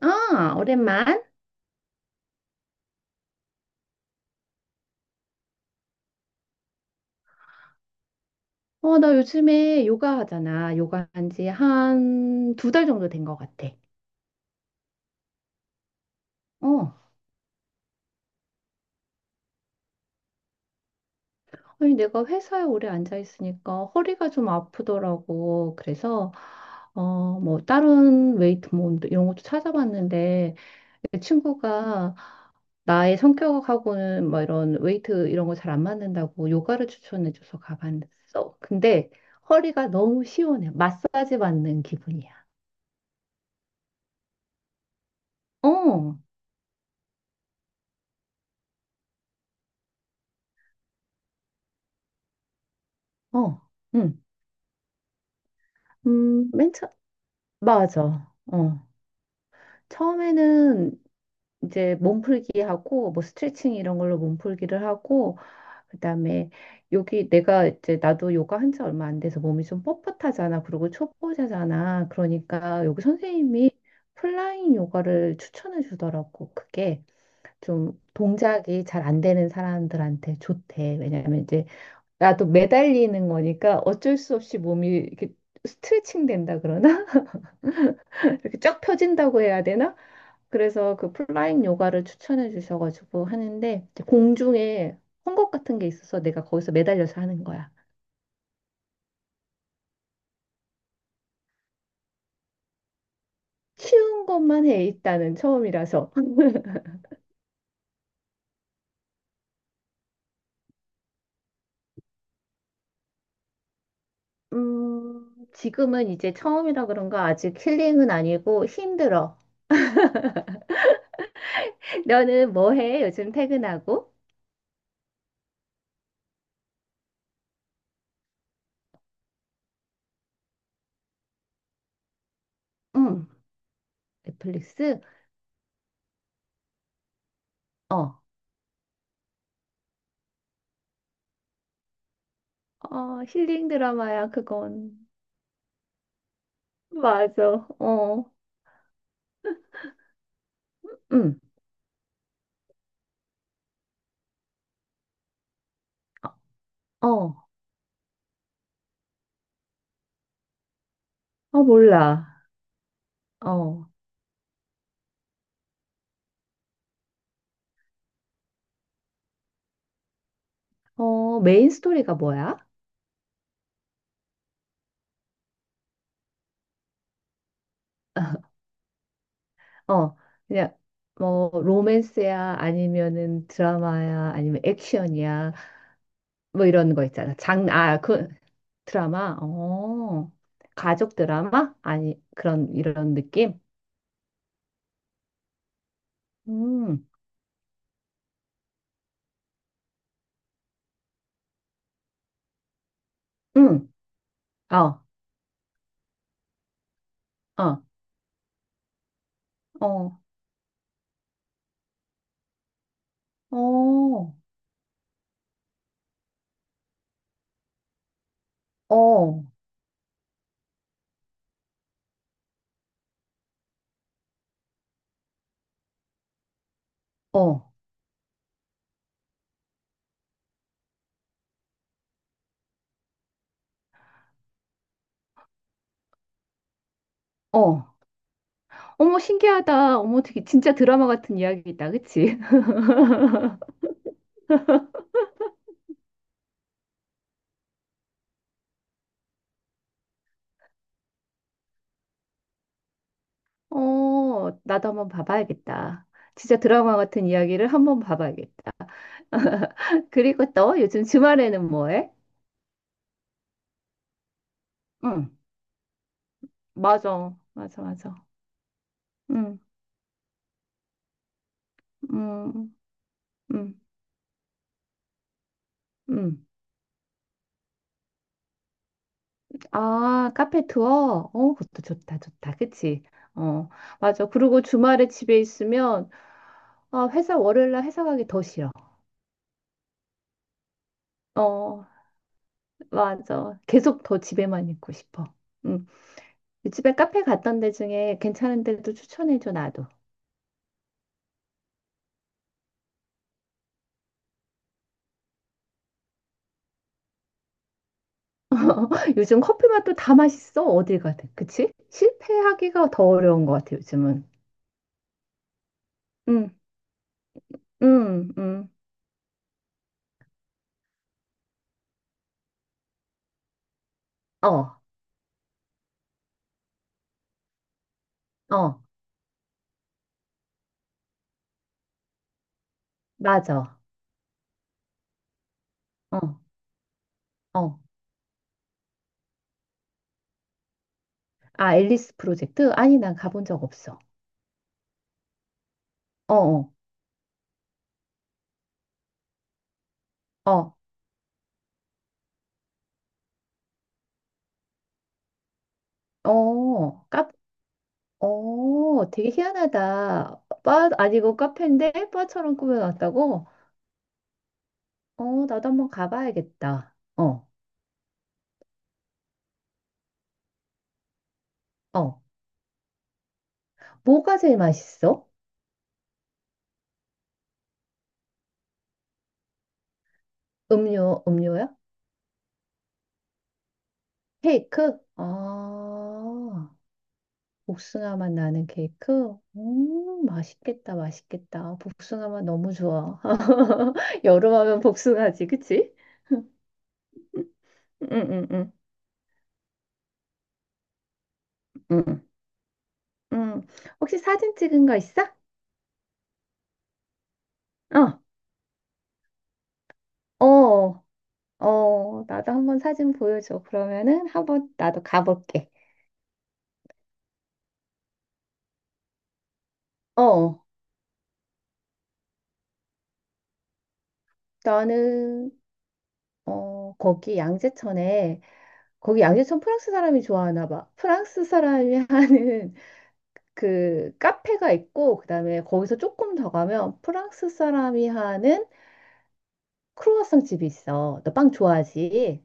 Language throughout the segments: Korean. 아, 오랜만? 나 요즘에 요가 하잖아. 요가 한지 한 두 달 정도 된 것 같아. 어. 아니, 내가 회사에 오래 앉아 있으니까 허리가 좀 아프더라고. 그래서, 뭐, 다른 웨이트 뭐, 이런 것도 찾아봤는데, 내 친구가 나의 성격하고는 뭐 이런 웨이트 이런 거 잘 안 맞는다고 요가를 추천해줘서 가봤어. 근데 허리가 너무 시원해. 마사지 받는 기분이야. 어, 어. 응. 음, 맨 처, 맞아. 어. 처음에는 이제 몸풀기 하고, 뭐 스트레칭 이런 걸로 몸풀기를 하고, 그다음에 여기 내가 이제 나도 요가 한 지 얼마 안 돼서 몸이 좀 뻣뻣하잖아. 그리고 초보자잖아. 그러니까 여기 선생님이 플라잉 요가를 추천해 주더라고. 그게 좀 동작이 잘 안 되는 사람들한테 좋대. 왜냐면 이제 나도 매달리는 거니까 어쩔 수 없이 몸이 이렇게 스트레칭 된다 그러나? 이렇게 쫙 펴진다고 해야 되나? 그래서 그 플라잉 요가를 추천해 주셔가지고 하는데 이제 공중에 헝겊 같은 게 있어서 내가 거기서 매달려서 하는 거야. 쉬운 것만 해 일단은 처음이라서. 지금은 이제 처음이라 그런가 아직 힐링은 아니고 힘들어. 너는 뭐 해? 요즘 퇴근하고? 응. 넷플릭스? 어. 힐링 드라마야, 그건. 맞아. 어. 응. 어. 어, 몰라. 어. 메인 스토리가 뭐야? 어, 그냥 뭐 로맨스야 아니면은 드라마야 아니면 액션이야 뭐 이런 거 있잖아. 장, 아, 그 드라마. 어. 가족 드라마? 아니, 그런 이런 느낌? 음. 음. 어. 어. 어. 어. 어. 어. 어. 어머 신기하다. 어머 되게 진짜 드라마 같은 이야기다. 그치? 나도 한번 봐봐야겠다. 진짜 드라마 같은 이야기를 한번 봐봐야겠다. 그리고 또 요즘 주말에는 뭐 해? 응, 맞아, 맞아, 맞아. 응, 응, 응, 응. 아, 카페 투어? 그것도 좋다, 좋다. 그치? 어, 맞아. 그리고 주말에 집에 있으면, 월요일날 회사 가기 더 싫어. 어, 맞아. 계속 더 집에만 있고 싶어. 응. 집에 카페 갔던 데 중에 괜찮은 데도 추천해줘, 나도. 요즘 커피 맛도 다 맛있어. 어딜 가든. 그치? 실패하기가 더 어려운 것 같아, 요즘은. 응, 응, 응. 어, 어, 맞아. 어, 어. 아, 앨리스 프로젝트? 아니, 난 가본 적 없어. 어, 어, 어, 어, 카, 되게 희한하다. 바 아니고 카페인데 바처럼 꾸며놨다고? 나도 한번 가봐야겠다. 어, 어. 뭐가 제일 맛있어? 음료야? 케이크? 아. 복숭아 맛 나는 케이크? 맛있겠다, 맛있겠다. 복숭아 맛 너무 좋아. 여름하면 복숭아지, 그치? 응, 응, 응, 응. 응. 혹시 사진 찍은 거 있어? 어, 어, 어. 나도 한번 사진 보여줘. 그러면은 한번 나도 가볼게. 어, 나는, 어, 거기 양재천에, 거기 양재천 프랑스 사람이 좋아하나 봐. 프랑스 사람이 하는 그 카페가 있고 그다음에 거기서 조금 더 가면 프랑스 사람이 하는 크루아상 집이 있어. 너 빵 좋아하지?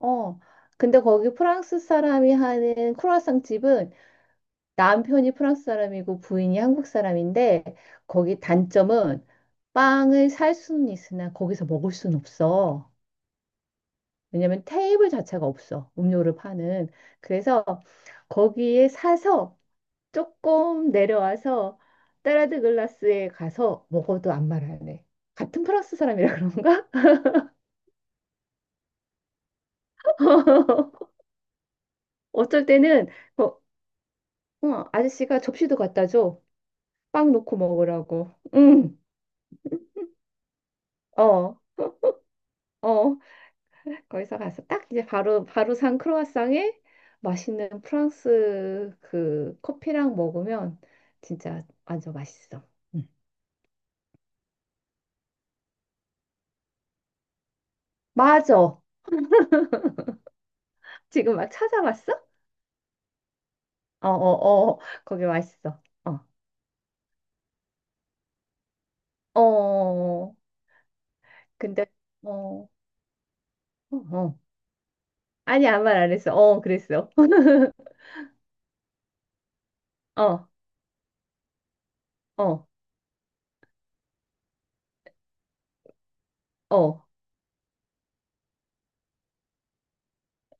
어. 근데 거기 프랑스 사람이 하는 크루아상 집은 남편이 프랑스 사람이고 부인이 한국 사람인데 거기 단점은 빵을 살 수는 있으나 거기서 먹을 수는 없어. 왜냐면 테이블 자체가 없어. 음료를 파는. 그래서 거기에 사서 조금 내려와서 따라드 글라스에 가서 먹어도 안 말하네. 같은 프랑스 사람이라 그런가? 어쩔 때는 뭐, 아저씨가 접시도 갖다 줘. 빵 놓고 먹으라고. 응, 어, 어. 거기서 가서 딱 이제 바로 바로 산 크로와상에 맛있는 프랑스 그 커피랑 먹으면 진짜 완전 맛있어. 응. 맞아. 지금 막 찾아봤어? 어, 어, 어. 거기 맛있어. 어, 어. 근데 어, 어, 어. 아니 아무 말 안 했어. 어, 그랬어. 어, 어, 어,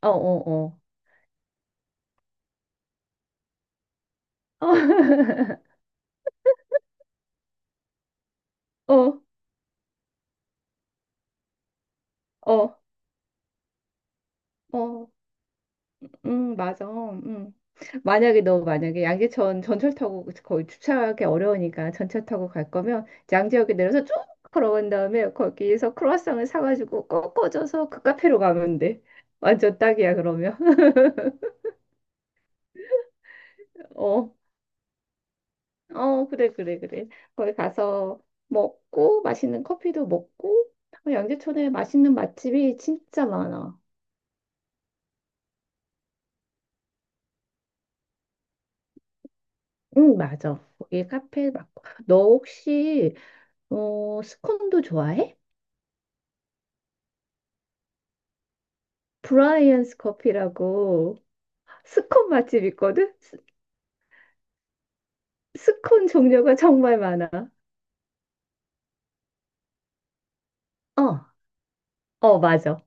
어, 어, 어, 어, 어, 어, 어, 맞아. 음. 만약에 너 만약에 양재천 전철 타고 거의 주차하기 어려우니까 전철 타고 갈 거면 양재역에 내려서 쭉 걸어간 다음에 거기에서 크로와상을 사가지고 꺾어져서 그 카페로 가면 돼. 완전 딱이야 그러면. 어. 어, 그래, 그래, 그래. 거기 가서 먹고, 맛있는 커피도 먹고, 어, 양재천에 맛있는 맛집이 진짜 많아. 응, 맞아. 거기 카페 많고. 스콘도 좋아해? 브라이언스 커피라고 스콘 맛집 있거든? 스콘 종류가 정말 많아. 어, 어, 맞아.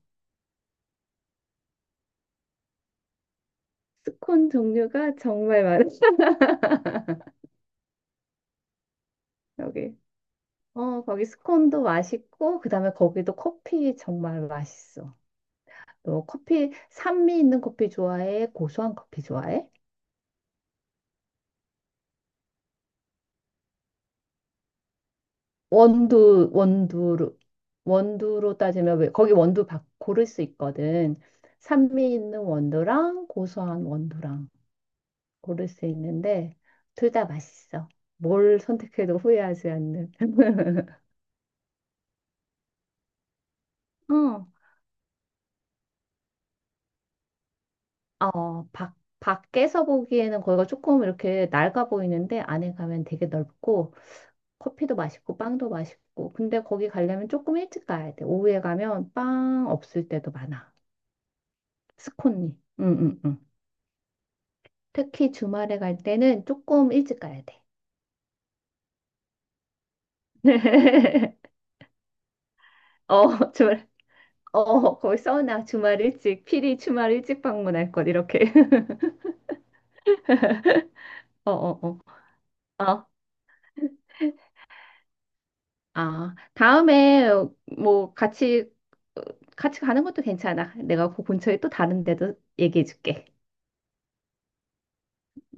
스콘 종류가 정말 많아. 여기. 어, 거기 스콘도 맛있고, 그 다음에 거기도 커피 정말 맛있어. 너 커피, 산미 있는 커피 좋아해? 고소한 커피 좋아해? 원두, 원두로, 원두로 따지면, 왜, 거기 원두 바, 고를 수 있거든. 산미 있는 원두랑 고소한 원두랑 고를 수 있는데, 둘 다 맛있어. 뭘 선택해도 후회하지 않는. 응. 어, 밖, 밖에서 보기에는 거기가 조금 이렇게 낡아 보이는데, 안에 가면 되게 넓고, 커피도 맛있고 빵도 맛있고. 근데 거기 가려면 조금 일찍 가야 돼. 오후에 가면 빵 없을 때도 많아. 스콘이. 응, 응, 응. 특히 주말에 갈 때는 조금 일찍 가야 돼. 어, 주말. 어, 거기 써놔. 주말 일찍. 필히 주말 일찍 방문할 것. 이렇게. 어, 어, 어. 어. 아, 다음에 뭐 같이 어, 같이 가는 것도 괜찮아. 내가 그 근처에 또 다른 데도 얘기해 줄게.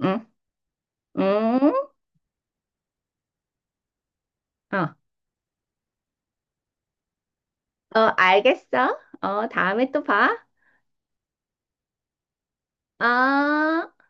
응? 응? 어. 어, 알겠어. 어, 다음에 또 봐. 어.